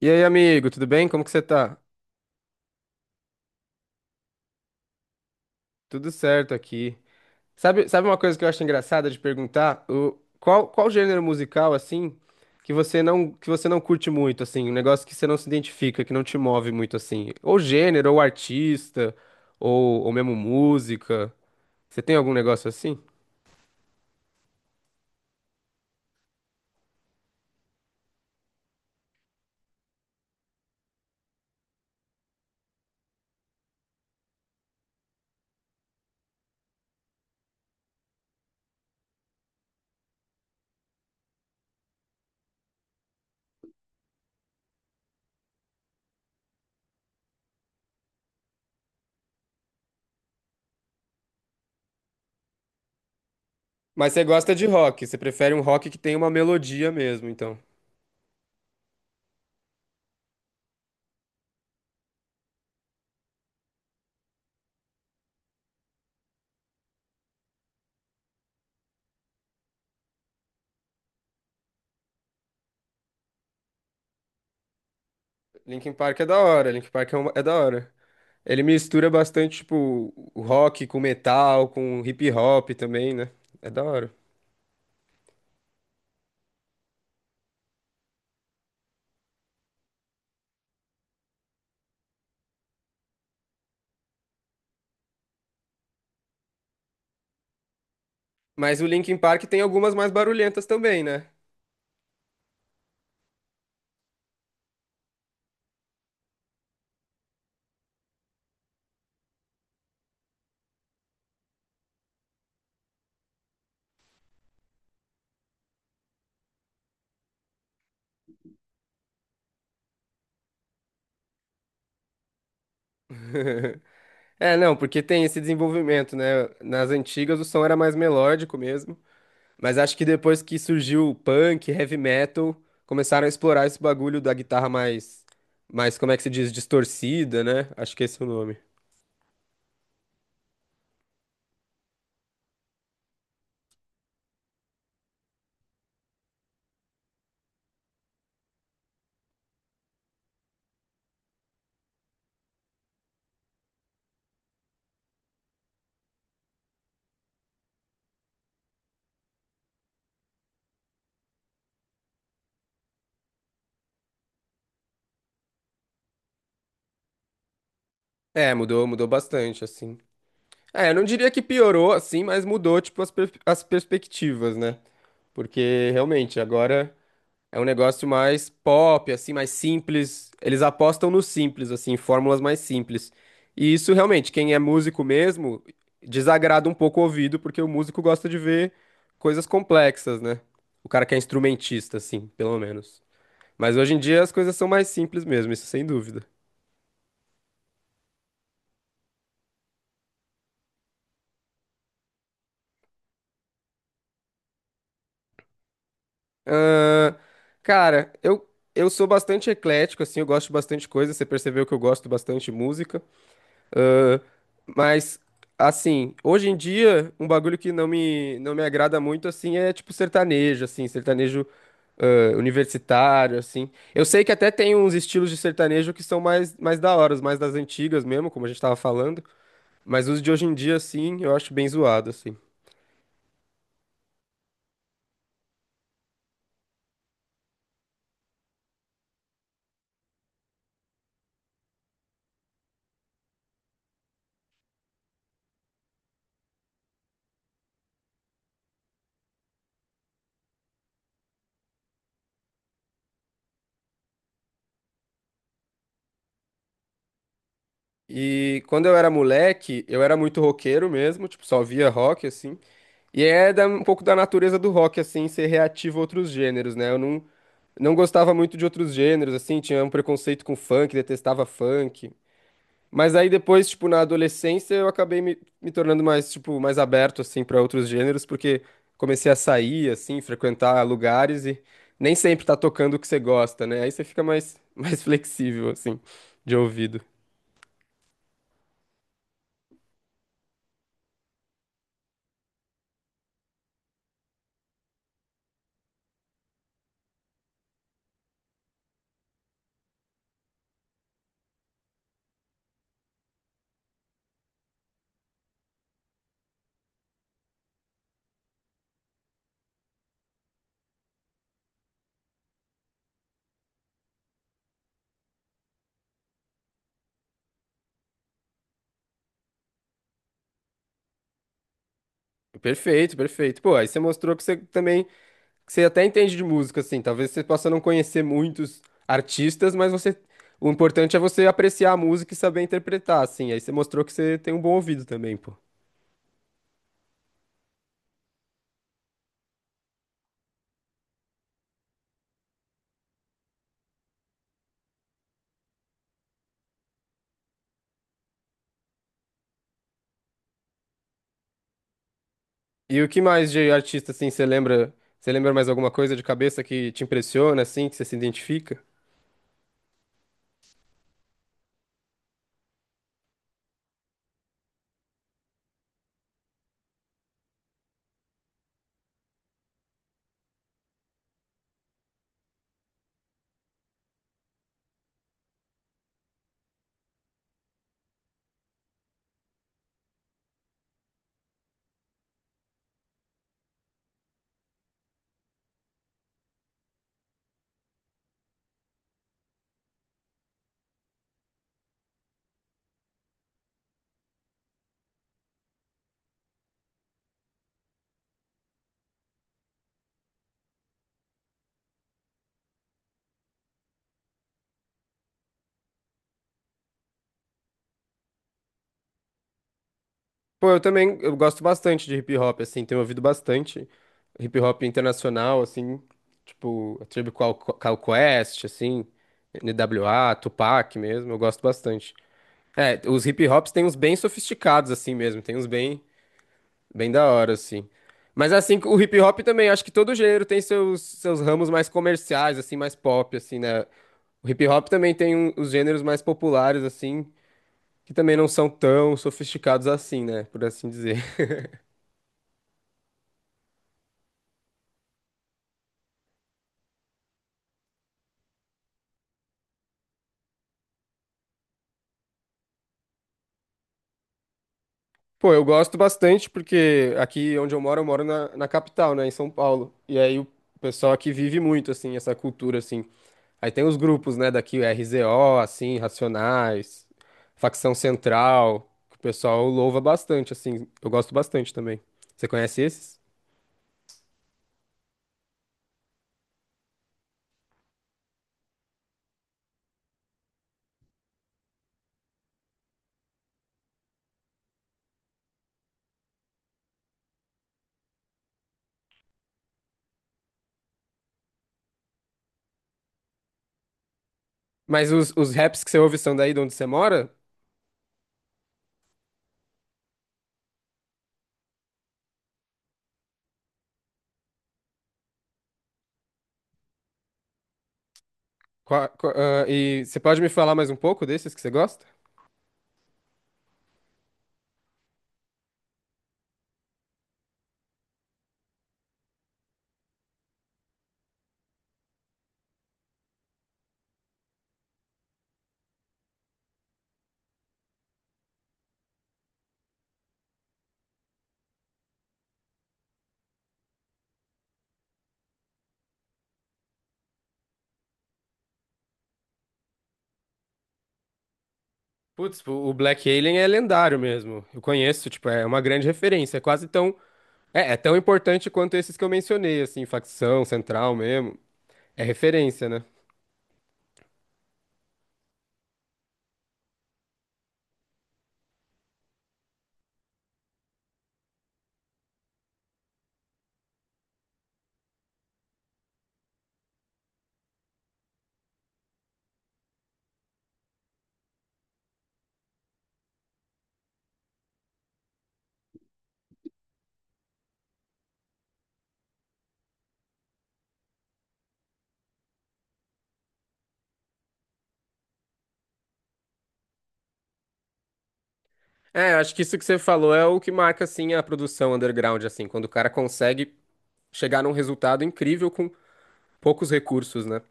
E aí, amigo, tudo bem? Como que você tá? Tudo certo aqui. Sabe uma coisa que eu acho engraçada de perguntar? Qual gênero musical, assim, que você não curte muito, assim, um negócio que você não se identifica, que não te move muito, assim? Ou gênero, ou artista, ou mesmo música. Você tem algum negócio assim? Mas você gosta de rock, você prefere um rock que tem uma melodia mesmo, então. Linkin Park é da hora, Linkin Park é, uma- é da hora. Ele mistura bastante, tipo, o rock com metal, com hip hop também, né? É da hora. Mas o Linkin Park tem algumas mais barulhentas também, né? É, não, porque tem esse desenvolvimento, né? Nas antigas o som era mais melódico mesmo, mas acho que depois que surgiu o punk, heavy metal, começaram a explorar esse bagulho da guitarra mais, como é que se diz, distorcida, né? Acho que esse é o nome. É, mudou bastante, assim. É, eu não diria que piorou, assim, mas mudou, tipo, as perspectivas, né? Porque realmente agora é um negócio mais pop, assim, mais simples. Eles apostam no simples, assim, fórmulas mais simples. E isso realmente, quem é músico mesmo, desagrada um pouco o ouvido, porque o músico gosta de ver coisas complexas, né? O cara que é instrumentista, assim, pelo menos. Mas hoje em dia as coisas são mais simples mesmo, isso sem dúvida. Ahn, cara, eu, eu sou bastante eclético, assim, eu gosto de bastante coisa. Você percebeu que eu gosto bastante de música. Ahn, mas, assim, hoje em dia, um bagulho que não me agrada muito, assim, é tipo sertanejo, assim, universitário, assim. Eu sei que até tem uns estilos de sertanejo que são mais, mais da hora, os mais das antigas mesmo, como a gente tava falando, mas os de hoje em dia, assim, eu acho bem zoado, assim. E quando eu era moleque, eu era muito roqueiro mesmo, tipo, só via rock, assim. E um pouco da natureza do rock, assim, ser reativo a outros gêneros, né? Eu não, Não gostava muito de outros gêneros, assim, tinha um preconceito com funk, detestava funk. Mas aí depois, tipo, na adolescência, eu acabei me tornando mais, tipo, mais aberto, assim, para outros gêneros, porque comecei a sair, assim, frequentar lugares e nem sempre tá tocando o que você gosta, né? Aí você fica mais, mais flexível, assim, de ouvido. Perfeito, perfeito. Pô, aí você mostrou que você também que você até entende de música, assim. Talvez você possa não conhecer muitos artistas, mas você. O importante é você apreciar a música e saber interpretar, assim. Aí você mostrou que você tem um bom ouvido também, pô. E o que mais de artista, assim, você lembra? Você lembra mais alguma coisa de cabeça que te impressiona, assim, que você se identifica? Pô, eu gosto bastante de hip hop, assim, tenho ouvido bastante hip hop internacional, assim, tipo, a Tribe Called Quest, assim, NWA, Tupac mesmo, eu gosto bastante. É, os hip hops tem uns bem sofisticados assim mesmo, tem uns bem, bem da hora assim. Mas assim, o hip hop também, acho que todo gênero tem seus ramos mais comerciais assim, mais pop assim, né? O hip hop também tem os gêneros mais populares assim, que também não são tão sofisticados assim, né, por assim dizer. Pô, eu gosto bastante porque aqui onde eu moro na capital, né, em São Paulo. E aí o pessoal aqui vive muito, assim, essa cultura, assim. Aí tem os grupos, né, daqui, o RZO, assim, Racionais, Facção Central, que o pessoal louva bastante, assim. Eu gosto bastante também. Você conhece esses? Mas os raps que você ouve são daí de onde você mora? Qua- qua- ah, e você pode me falar mais um pouco desses que você gosta? Putz, o Black Alien é lendário mesmo. Eu conheço, tipo, é uma grande referência. É quase tão É, é tão importante quanto esses que eu mencionei, assim, facção, central mesmo. É referência, né? É, eu acho que isso que você falou é o que marca, assim, a produção underground, assim, quando o cara consegue chegar num resultado incrível com poucos recursos, né?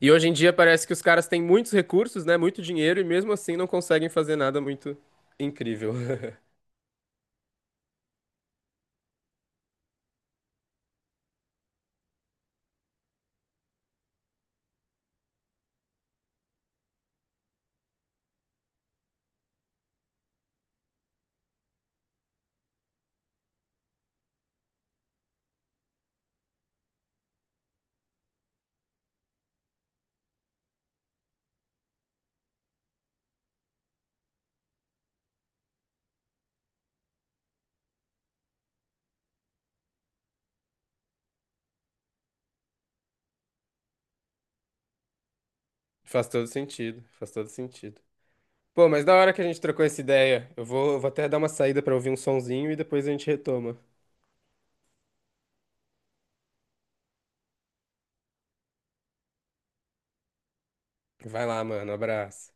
E hoje em dia parece que os caras têm muitos recursos, né? Muito dinheiro e mesmo assim não conseguem fazer nada muito incrível. Faz todo sentido, faz todo sentido. Pô, mas da hora que a gente trocou essa ideia, eu vou até dar uma saída pra ouvir um sonzinho e depois a gente retoma. Vai lá, mano, abraço.